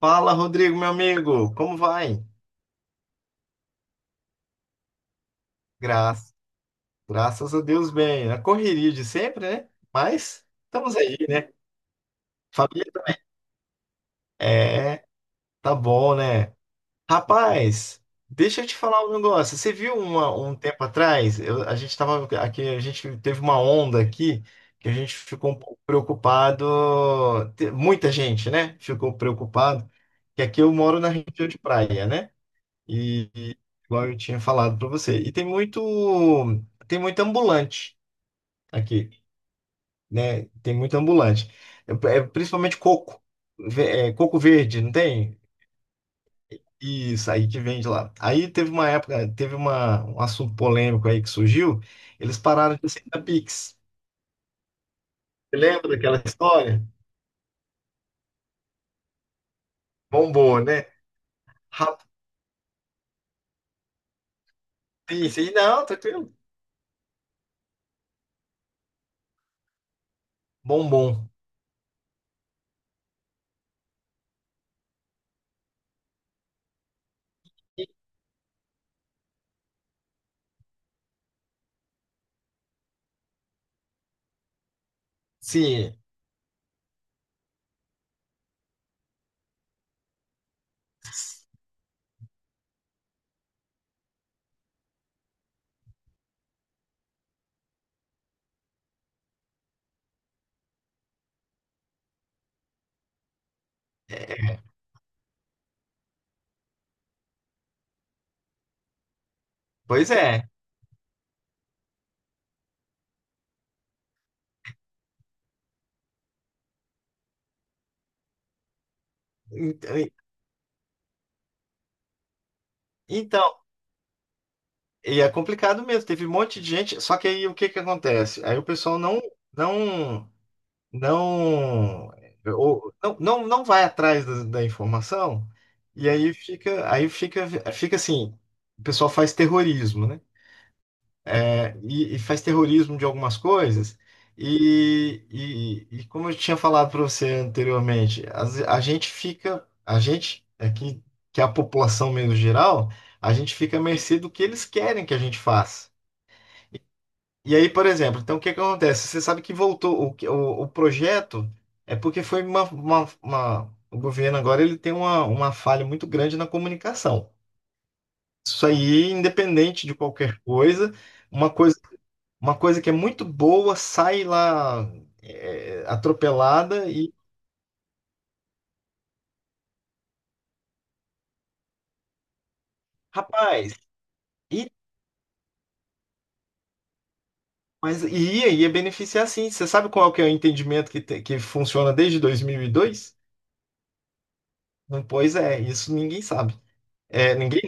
Fala, Rodrigo, meu amigo, como vai? Graças, graças a Deus, bem. A correria de sempre, né? Mas estamos aí, né? Família também. É, tá bom, né? Rapaz, deixa eu te falar um negócio. Você viu um tempo atrás, a gente tava aqui, a gente teve uma onda aqui que a gente ficou um pouco preocupado. Muita gente, né? Ficou preocupado. Que aqui eu moro na região de praia, né? E igual eu tinha falado para você. E tem muito ambulante aqui, né? Tem muito ambulante. É principalmente coco, coco verde, não tem? Isso aí que vende lá. Aí teve uma época, um assunto polêmico aí que surgiu. Eles pararam de aceitar Pix. Você lembra daquela história? Bombou, né? Rapidíssimo. E não, tranquilo. Bombom. Sim. Pois é. Ent- Então, e é complicado mesmo, teve um monte de gente, só que aí o que que acontece? Aí o pessoal não não não ou, não, não, não vai atrás da informação, e aí fica fica assim, o pessoal faz terrorismo, né? É, e faz terrorismo de algumas coisas e, e como eu tinha falado para você anteriormente, a gente aqui que é a população menos geral, a gente fica à mercê do que eles querem que a gente faça. E aí, por exemplo, então o que é que acontece? Você sabe que voltou o projeto, é porque foi o governo agora, ele tem uma falha muito grande na comunicação. Isso aí, independente de qualquer coisa, uma coisa, uma coisa que é muito boa sai lá atropelada e, rapaz, e, e aí ia beneficiar, sim. Você sabe qual que é o entendimento que funciona desde 2002? Não, pois é, isso ninguém sabe. É, ninguém,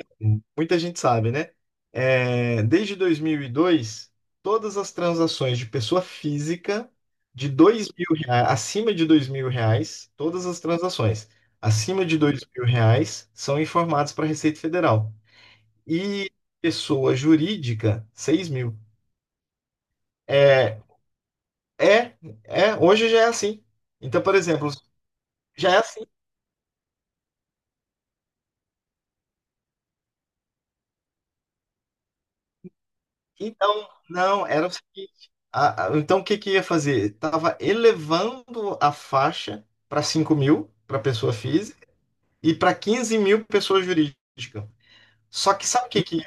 muita gente sabe, né? É, desde 2002, todas as transações de pessoa física de 2.000 reais, acima de 2.000 reais, todas as transações acima de 2.000 reais são informadas para a Receita Federal. E pessoa jurídica, 6.000. É, é, hoje já é assim. Então, por exemplo, já é assim. Então, não, era o seguinte, então, o que que ia fazer? Tava elevando a faixa para 5.000 para pessoa física e para 15.000 pessoa jurídica. Só que sabe o que que...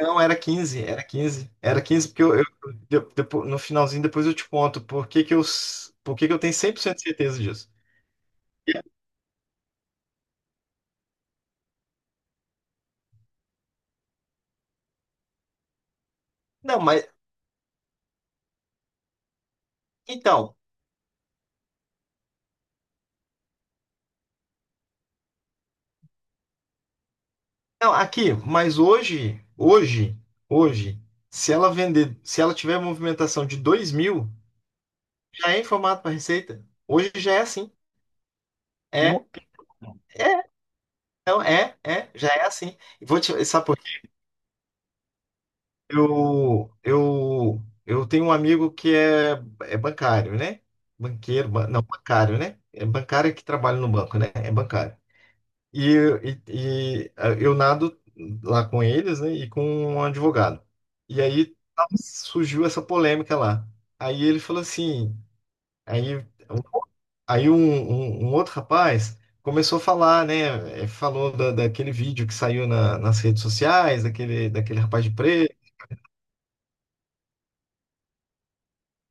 Não, era 15 porque no finalzinho depois eu te conto por que que eu tenho 100% de certeza disso. Não, mas, então, não, aqui, mas hoje, se ela vender, se ela tiver movimentação de 2.000, já é em formato para receita. Hoje já é assim. É, No- é, já é assim. E vou te... sabe por quê? Eu tenho um amigo que é, é bancário, né? Banqueiro, ban- não, bancário, né? É bancário que trabalha no banco, né? É bancário. E, eu nado lá com eles, né? E com um advogado. E aí surgiu essa polêmica lá. Aí ele falou assim, aí... um outro rapaz começou a falar, né? Falou daquele vídeo que saiu nas redes sociais, daquele rapaz de preto.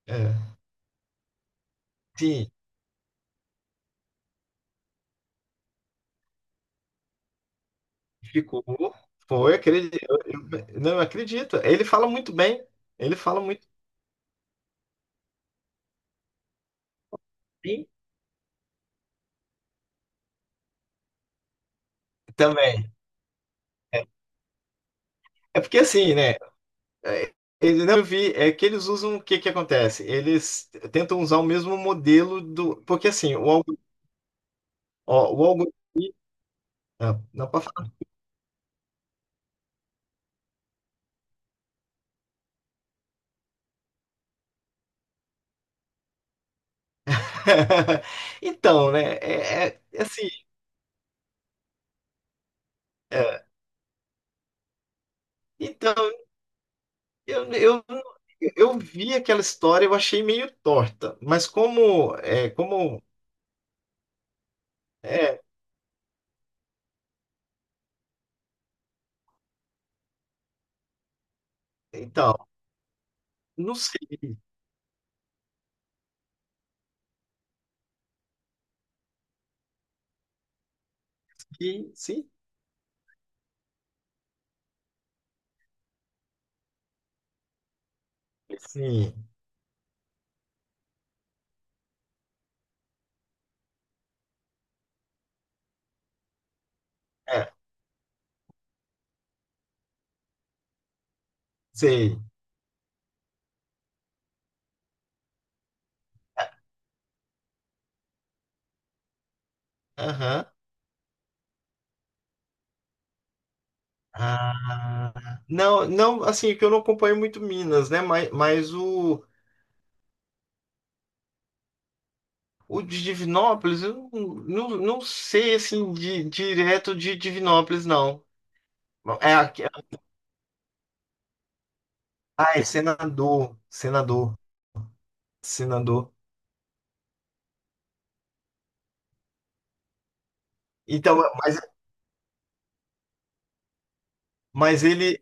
É, sim, ficou. Foi, acredito. Não, eu acredito. Ele fala muito bem. Ele fala muito bem também. É, é porque assim, né? eh, Ele não, eu vi, é que eles usam... o que que acontece? Eles tentam usar o mesmo modelo do... Porque assim, o algoritmo. Não, não pode falar. Então, né? É assim, é, então, eu, eu, eu vi aquela história, eu achei meio torta, mas como, é, então, não sei, sim, sim, sim, é, sei, aham. Ah, não, não, assim, que eu não acompanho muito Minas, né, mas, o de Divinópolis, eu não, não sei, assim, de, direto de Divinópolis, não, é, ah, é senador, senador, então. Mas ele,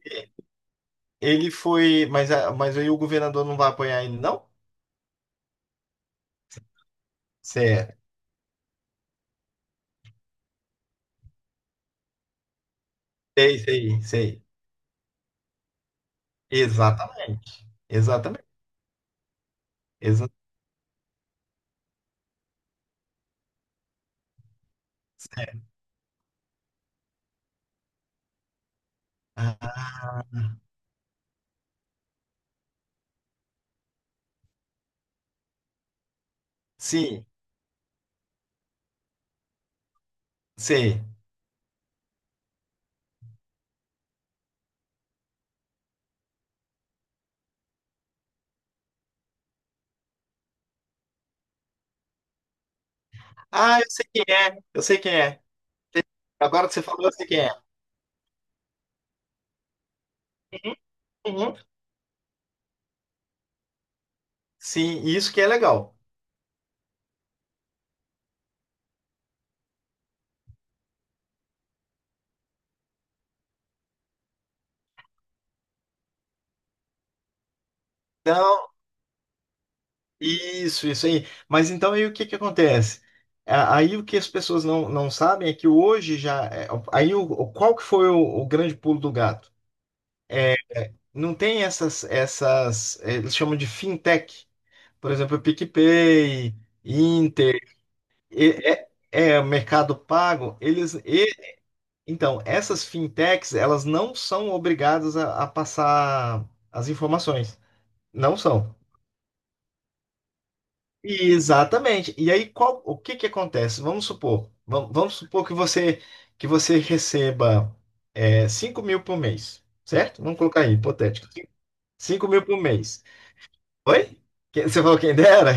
ele foi. Mas, mas aí o governador não vai apoiar ele, não? Certo. Sei. Exatamente. Exatamente. Exa- certo. Ah, sim, sei. Ah, eu sei quem é. Eu sei quem é. Agora que você falou, eu sei quem é. Uhum. Sim, isso que é legal. Então, isso aí. Mas então aí o que que acontece? Aí o que as pessoas não sabem é que hoje já é. Qual que foi o grande pulo do gato? Não tem essas, eles chamam de fintech. Por exemplo, PicPay, Inter, é, Mercado Pago, então, essas fintechs, elas não são obrigadas a passar as informações. Não são. E exatamente. E aí, qual, o que que acontece? Vamos supor, vamos supor que você receba, 5 mil por mês, certo? Vamos colocar aí, hipotético. 5.000 por mês. Oi? Você falou quem dera?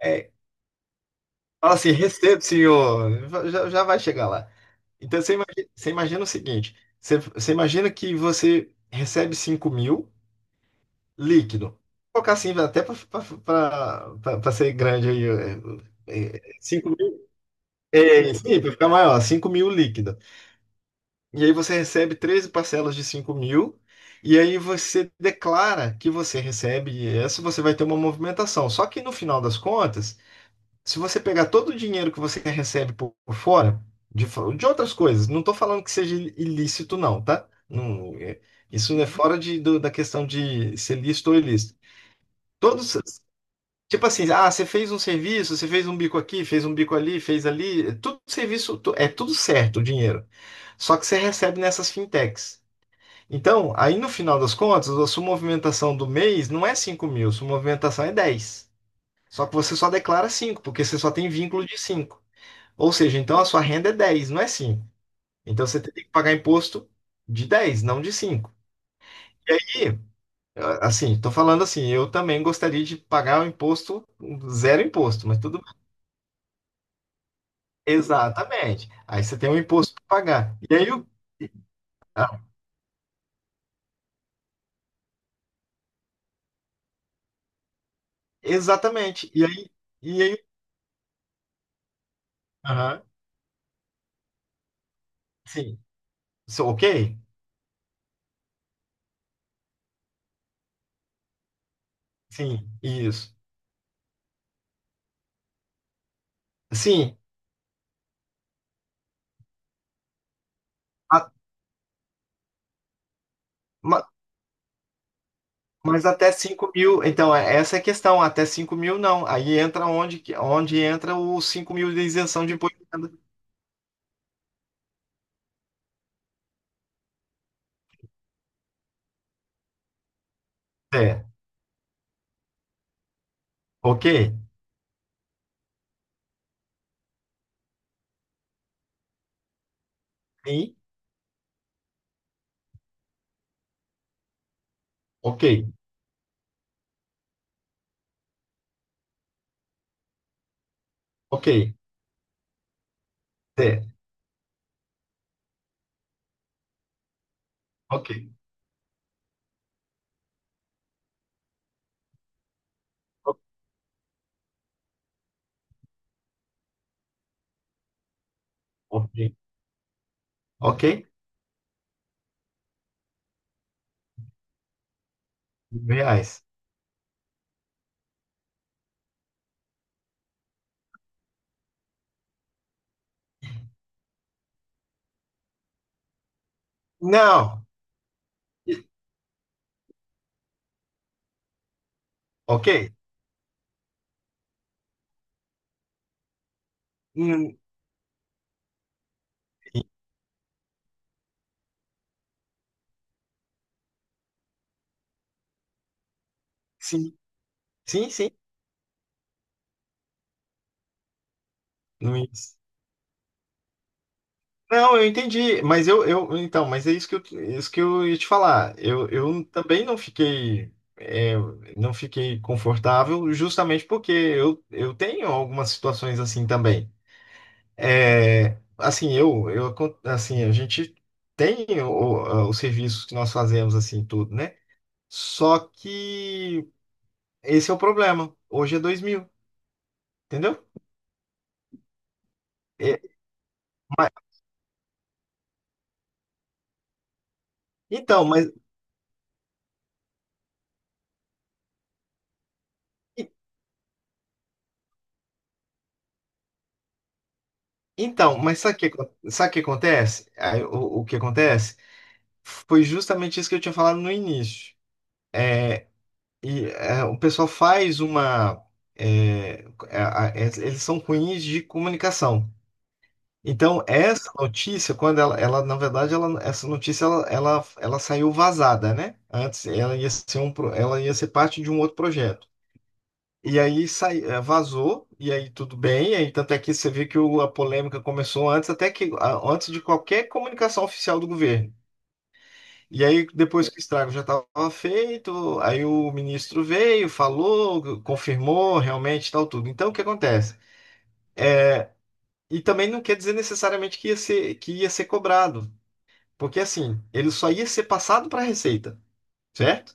É, fala assim, recebo, senhor. Já, já vai chegar lá. Então, você imagina o seguinte: você imagina que você recebe 5.000 líquido. Vou colocar assim, até para ser grande aí. 5 mil. É, sim, para ficar maior, 5 mil líquido. E aí você recebe 13 parcelas de 5.000, e aí você declara que você recebe essa, você vai ter uma movimentação. Só que no final das contas, se você pegar todo o dinheiro que você recebe por fora, de outras coisas, não estou falando que seja ilícito, não, tá? Não, é- isso é fora da questão de ser lícito ou ilícito. Todos, tipo assim, ah, você fez um serviço, você fez um bico aqui, fez um bico ali, fez ali, é tudo serviço, é tudo certo, o dinheiro. Só que você recebe nessas fintechs. Então, aí no final das contas, a sua movimentação do mês não é 5.000, sua movimentação é 10. Só que você só declara 5, porque você só tem vínculo de 5. Ou seja, então a sua renda é dez, não é cinco. Então você tem que pagar imposto de dez, não de cinco. E, ah, assim, estou falando assim, eu também gostaria de pagar o imposto, zero imposto, mas tudo bem. Exatamente. Aí você tem um imposto para pagar. E aí, ah, exatamente. E aí, aham, sim. So, ok? Sim, isso. Sim, a- ma- mas até 5.000, então, essa é a questão, até 5.000 não. Aí entra onde, onde entra os 5.000 de isenção de imposto. T, ok, sim, ok, ok, T, ok, o- ok, ok, 1.000 reais. Não, e- ok, hum, sim, sim, sim, Luiz. Não, eu entendi, mas então, mas é isso que eu, ia te falar. Eu também não fiquei, é, não fiquei confortável, justamente porque eu tenho algumas situações assim também. É, assim, assim, a gente tem os serviços que nós fazemos, assim, tudo, né? Só que esse é o problema. Hoje é 2.000, entendeu? É, mas- então, e- então, mas sabe o que, sabe o que acontece? O que acontece? Foi justamente isso que eu tinha falado no início. É, o pessoal faz uma... é, eles são ruins de comunicação. Então, essa notícia, quando ela, na verdade, ela, essa notícia ela, ela, ela saiu vazada, né? Antes ela ia ser parte de um outro projeto. E aí sai, vazou, e aí tudo bem, e aí tanto é que você vê que a polêmica começou antes, até que antes de qualquer comunicação oficial do governo. E aí, depois que o estrago já estava feito, aí o ministro veio, falou, confirmou realmente tal, tudo. Então, o que acontece? E também não quer dizer necessariamente que ia ser cobrado. Porque assim, ele só ia ser passado para a Receita, certo?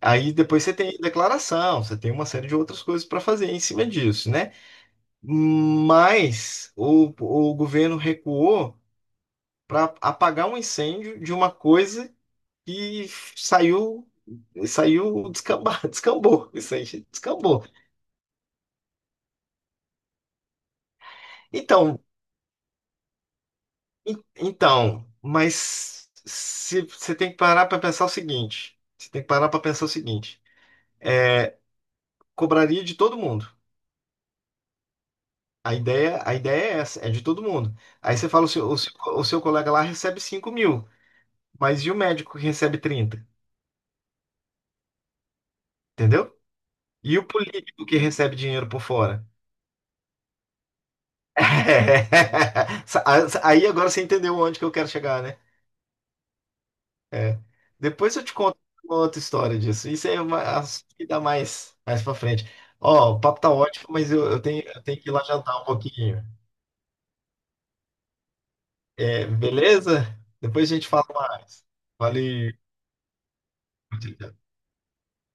Aí depois você tem declaração, você tem uma série de outras coisas para fazer em cima disso, né? Mas o governo recuou para apagar um incêndio de uma coisa que saiu, saiu descambar, descambou, isso aí descambou. Então, então, mas você tem que parar para pensar o seguinte, você tem que parar para pensar o seguinte, é, cobraria de todo mundo. A ideia é essa, é de todo mundo. Aí você fala, o seu colega lá recebe 5.000, mas e o médico que recebe 30, entendeu? E o político que recebe dinheiro por fora? Aí agora você entendeu onde que eu quero chegar, né? É. Depois eu te conto uma outra história disso. Isso é uma assunto que dá mais, mais pra frente. Ó, o papo tá ótimo, mas eu tenho que ir lá jantar um pouquinho. É, beleza? Depois a gente fala mais. Valeu.